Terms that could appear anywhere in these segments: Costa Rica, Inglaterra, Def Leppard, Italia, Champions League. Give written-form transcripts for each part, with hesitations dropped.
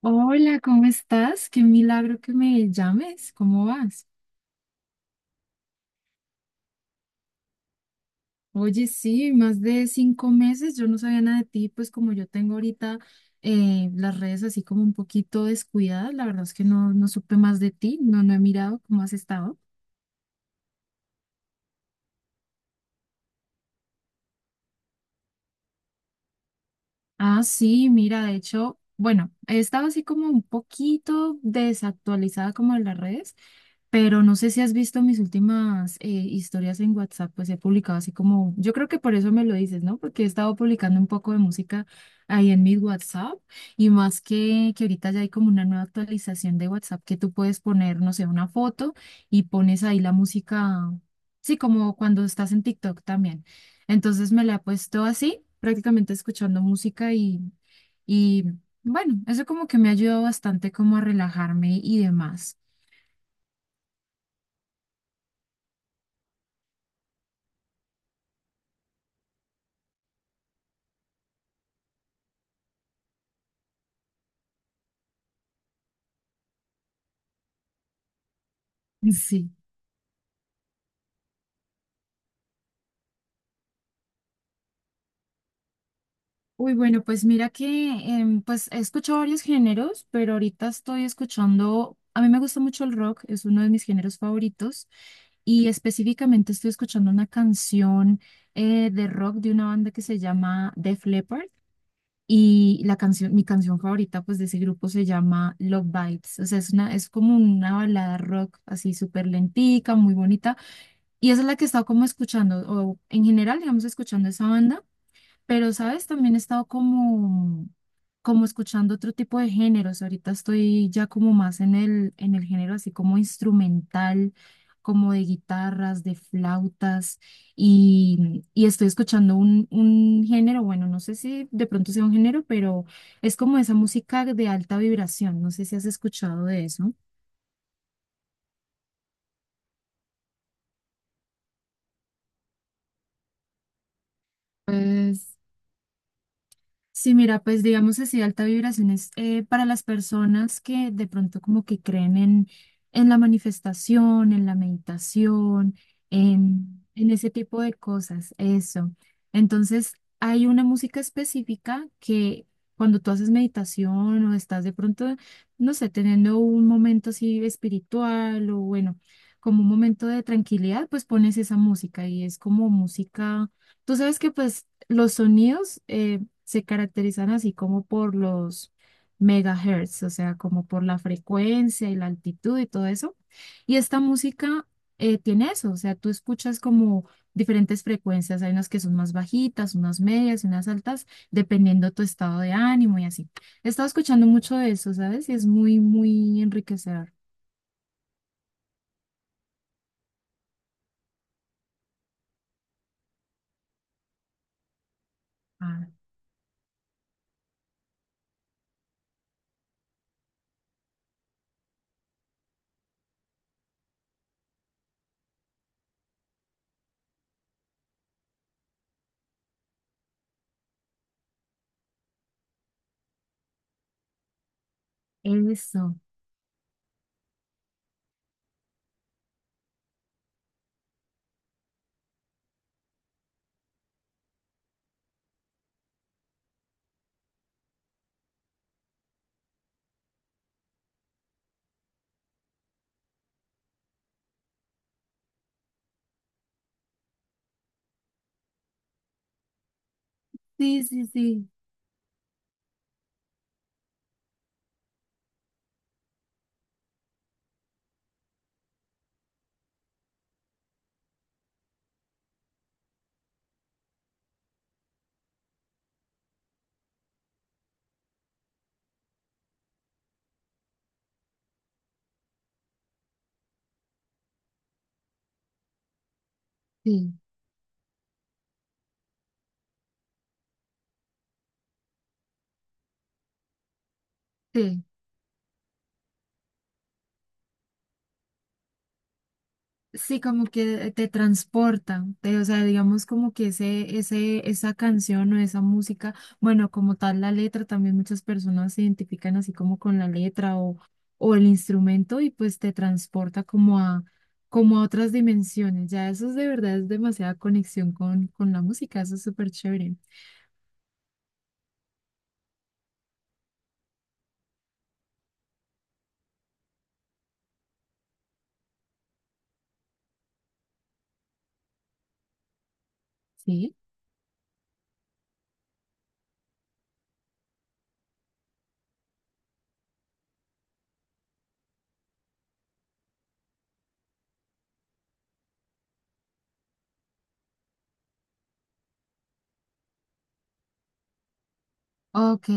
Hola, ¿cómo estás? Qué milagro que me llames. ¿Cómo vas? Oye, sí, más de 5 meses. Yo no sabía nada de ti, pues como yo tengo ahorita las redes así como un poquito descuidadas, la verdad es que no, no supe más de ti, no, no he mirado cómo has estado. Ah, sí, mira, de hecho, bueno, he estado así como un poquito desactualizada como en las redes, pero no sé si has visto mis últimas historias en WhatsApp, pues he publicado así como, yo creo que por eso me lo dices, ¿no? Porque he estado publicando un poco de música ahí en mi WhatsApp y más que ahorita ya hay como una nueva actualización de WhatsApp que tú puedes poner, no sé, una foto y pones ahí la música, sí, como cuando estás en TikTok también. Entonces me la he puesto así, prácticamente escuchando música y bueno, eso como que me ha ayudado bastante como a relajarme y demás. Sí. Uy, bueno, pues mira que pues he escuchado varios géneros, pero ahorita estoy escuchando, a mí me gusta mucho el rock, es uno de mis géneros favoritos y específicamente estoy escuchando una canción de rock de una banda que se llama Def Leppard. Y la canción, mi canción favorita pues de ese grupo se llama Love Vibes, o sea, es una, es como una balada rock así súper lentica, muy bonita, y esa es la que he estado como escuchando, o en general, digamos, escuchando esa banda, pero, ¿sabes? También he estado como escuchando otro tipo de géneros. Ahorita estoy ya como más en el género así como instrumental, como de guitarras, de flautas, y estoy escuchando un género, bueno, no sé si de pronto sea un género, pero es como esa música de alta vibración. No sé si has escuchado de eso. Pues sí, mira, pues digamos así, alta vibración es para las personas que de pronto como que creen en la manifestación, en la meditación, en ese tipo de cosas, eso. Entonces, hay una música específica que cuando tú haces meditación o estás de pronto, no sé, teniendo un momento así espiritual o bueno, como un momento de tranquilidad, pues pones esa música y es como música, tú sabes que pues los sonidos se caracterizan así como por los megahertz, o sea, como por la frecuencia y la altitud y todo eso. Y esta música tiene eso, o sea, tú escuchas como diferentes frecuencias, hay unas que son más bajitas, unas medias y unas altas, dependiendo tu estado de ánimo y así. He estado escuchando mucho de eso, ¿sabes? Y es muy, muy enriquecedor. Ah, eso. Sí, sí, sí, sí, sí. Sí, como que te transporta, o sea, digamos como que esa canción o esa música, bueno, como tal la letra, también muchas personas se identifican así como con la letra o el instrumento y pues te transporta como a otras dimensiones. Ya eso es de verdad, es demasiada conexión con la música, eso es súper chévere. Sí, ok.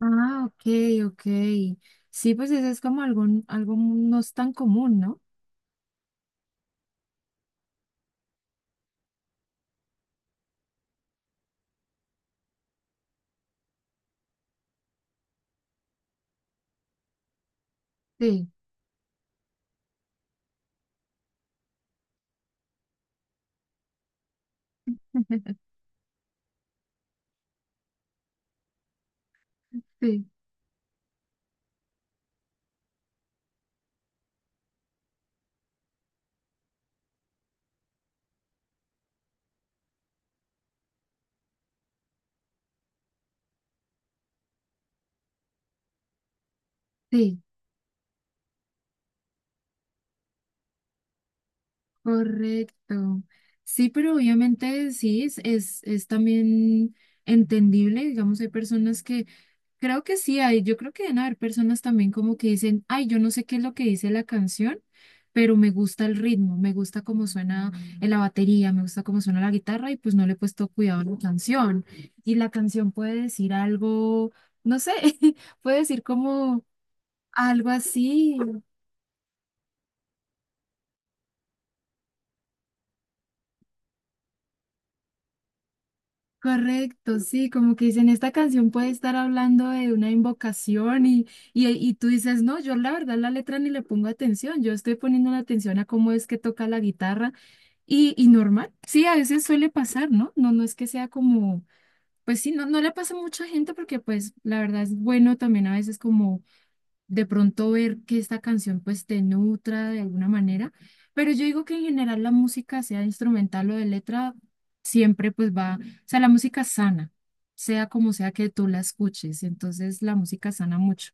Ah, ok, ok. Sí, pues eso es como algo no es tan común, ¿no? Sí, sí, sí. Correcto. Sí, pero obviamente sí, es también entendible, digamos, hay personas que, creo que sí, hay, yo creo que deben haber personas también como que dicen, ay, yo no sé qué es lo que dice la canción, pero me gusta el ritmo, me gusta cómo suena en la batería, me gusta cómo suena la guitarra y pues no le he puesto cuidado a la canción. Y la canción puede decir algo, no sé, puede decir como algo así. Correcto, sí, como que dicen, esta canción puede estar hablando de una invocación y tú dices, no, yo la verdad la letra ni le pongo atención, yo estoy poniendo la atención a cómo es que toca la guitarra y normal, sí, a veces suele pasar, ¿no? No, no es que sea como, pues sí, no, no le pasa a mucha gente porque pues la verdad es bueno también a veces como de pronto ver que esta canción pues te nutra de alguna manera, pero yo digo que en general la música, sea instrumental o de letra, siempre pues va, o sea, la música sana, sea como sea que tú la escuches, entonces la música sana mucho.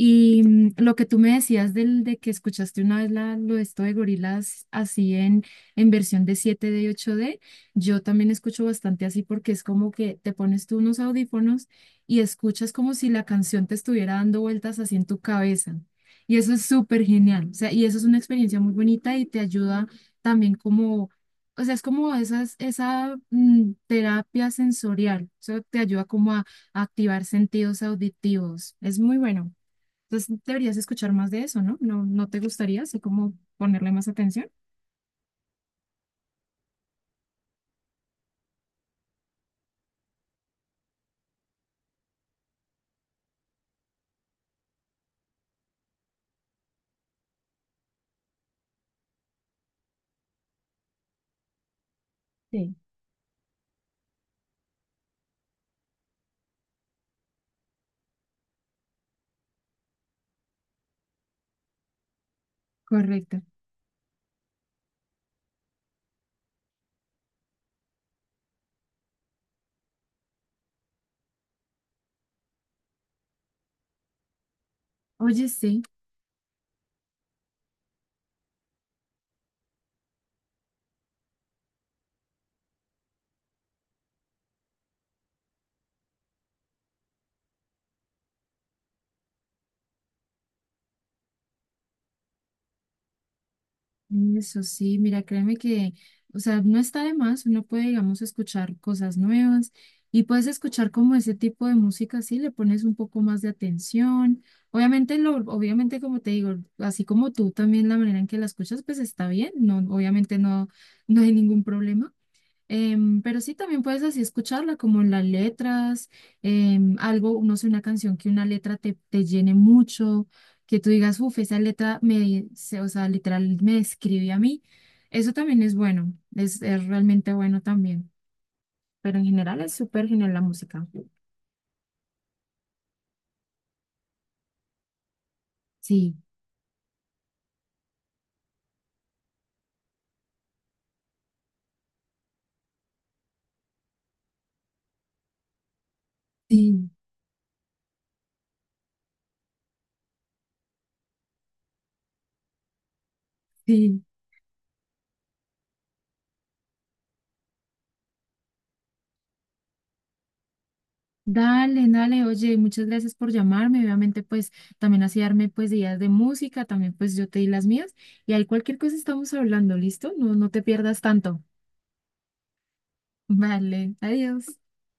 Y lo que tú me decías de que escuchaste una vez lo de esto de gorilas así en versión de 7D y 8D, yo también escucho bastante así porque es como que te pones tú unos audífonos y escuchas como si la canción te estuviera dando vueltas así en tu cabeza. Y eso es súper genial. O sea, y eso es una experiencia muy bonita y te ayuda también como, o sea, es como esa terapia sensorial. Eso te ayuda como a activar sentidos auditivos. Es muy bueno. Entonces deberías escuchar más de eso, ¿no? ¿No, no te gustaría así como ponerle más atención? Sí. Correcto. Oye, sí, eso sí, mira, créeme que, o sea, no está de más, uno puede, digamos, escuchar cosas nuevas y puedes escuchar como ese tipo de música, sí, le pones un poco más de atención. Obviamente, obviamente, como te digo, así como tú también la manera en que la escuchas, pues está bien, no, obviamente no, no hay ningún problema. Pero sí, también puedes así escucharla como en las letras, algo, no sé, una canción que una letra te llene mucho, que tú digas, uff, esa letra o sea, literal me describe a mí. Eso también es bueno, es realmente bueno también. Pero en general es súper genial la música. Sí, sí, sí. Dale, dale, oye, muchas gracias por llamarme. Obviamente, pues también así darme pues ideas de música, también pues yo te di las mías. Y ahí cualquier cosa estamos hablando, ¿listo? No, no te pierdas tanto. Vale, adiós.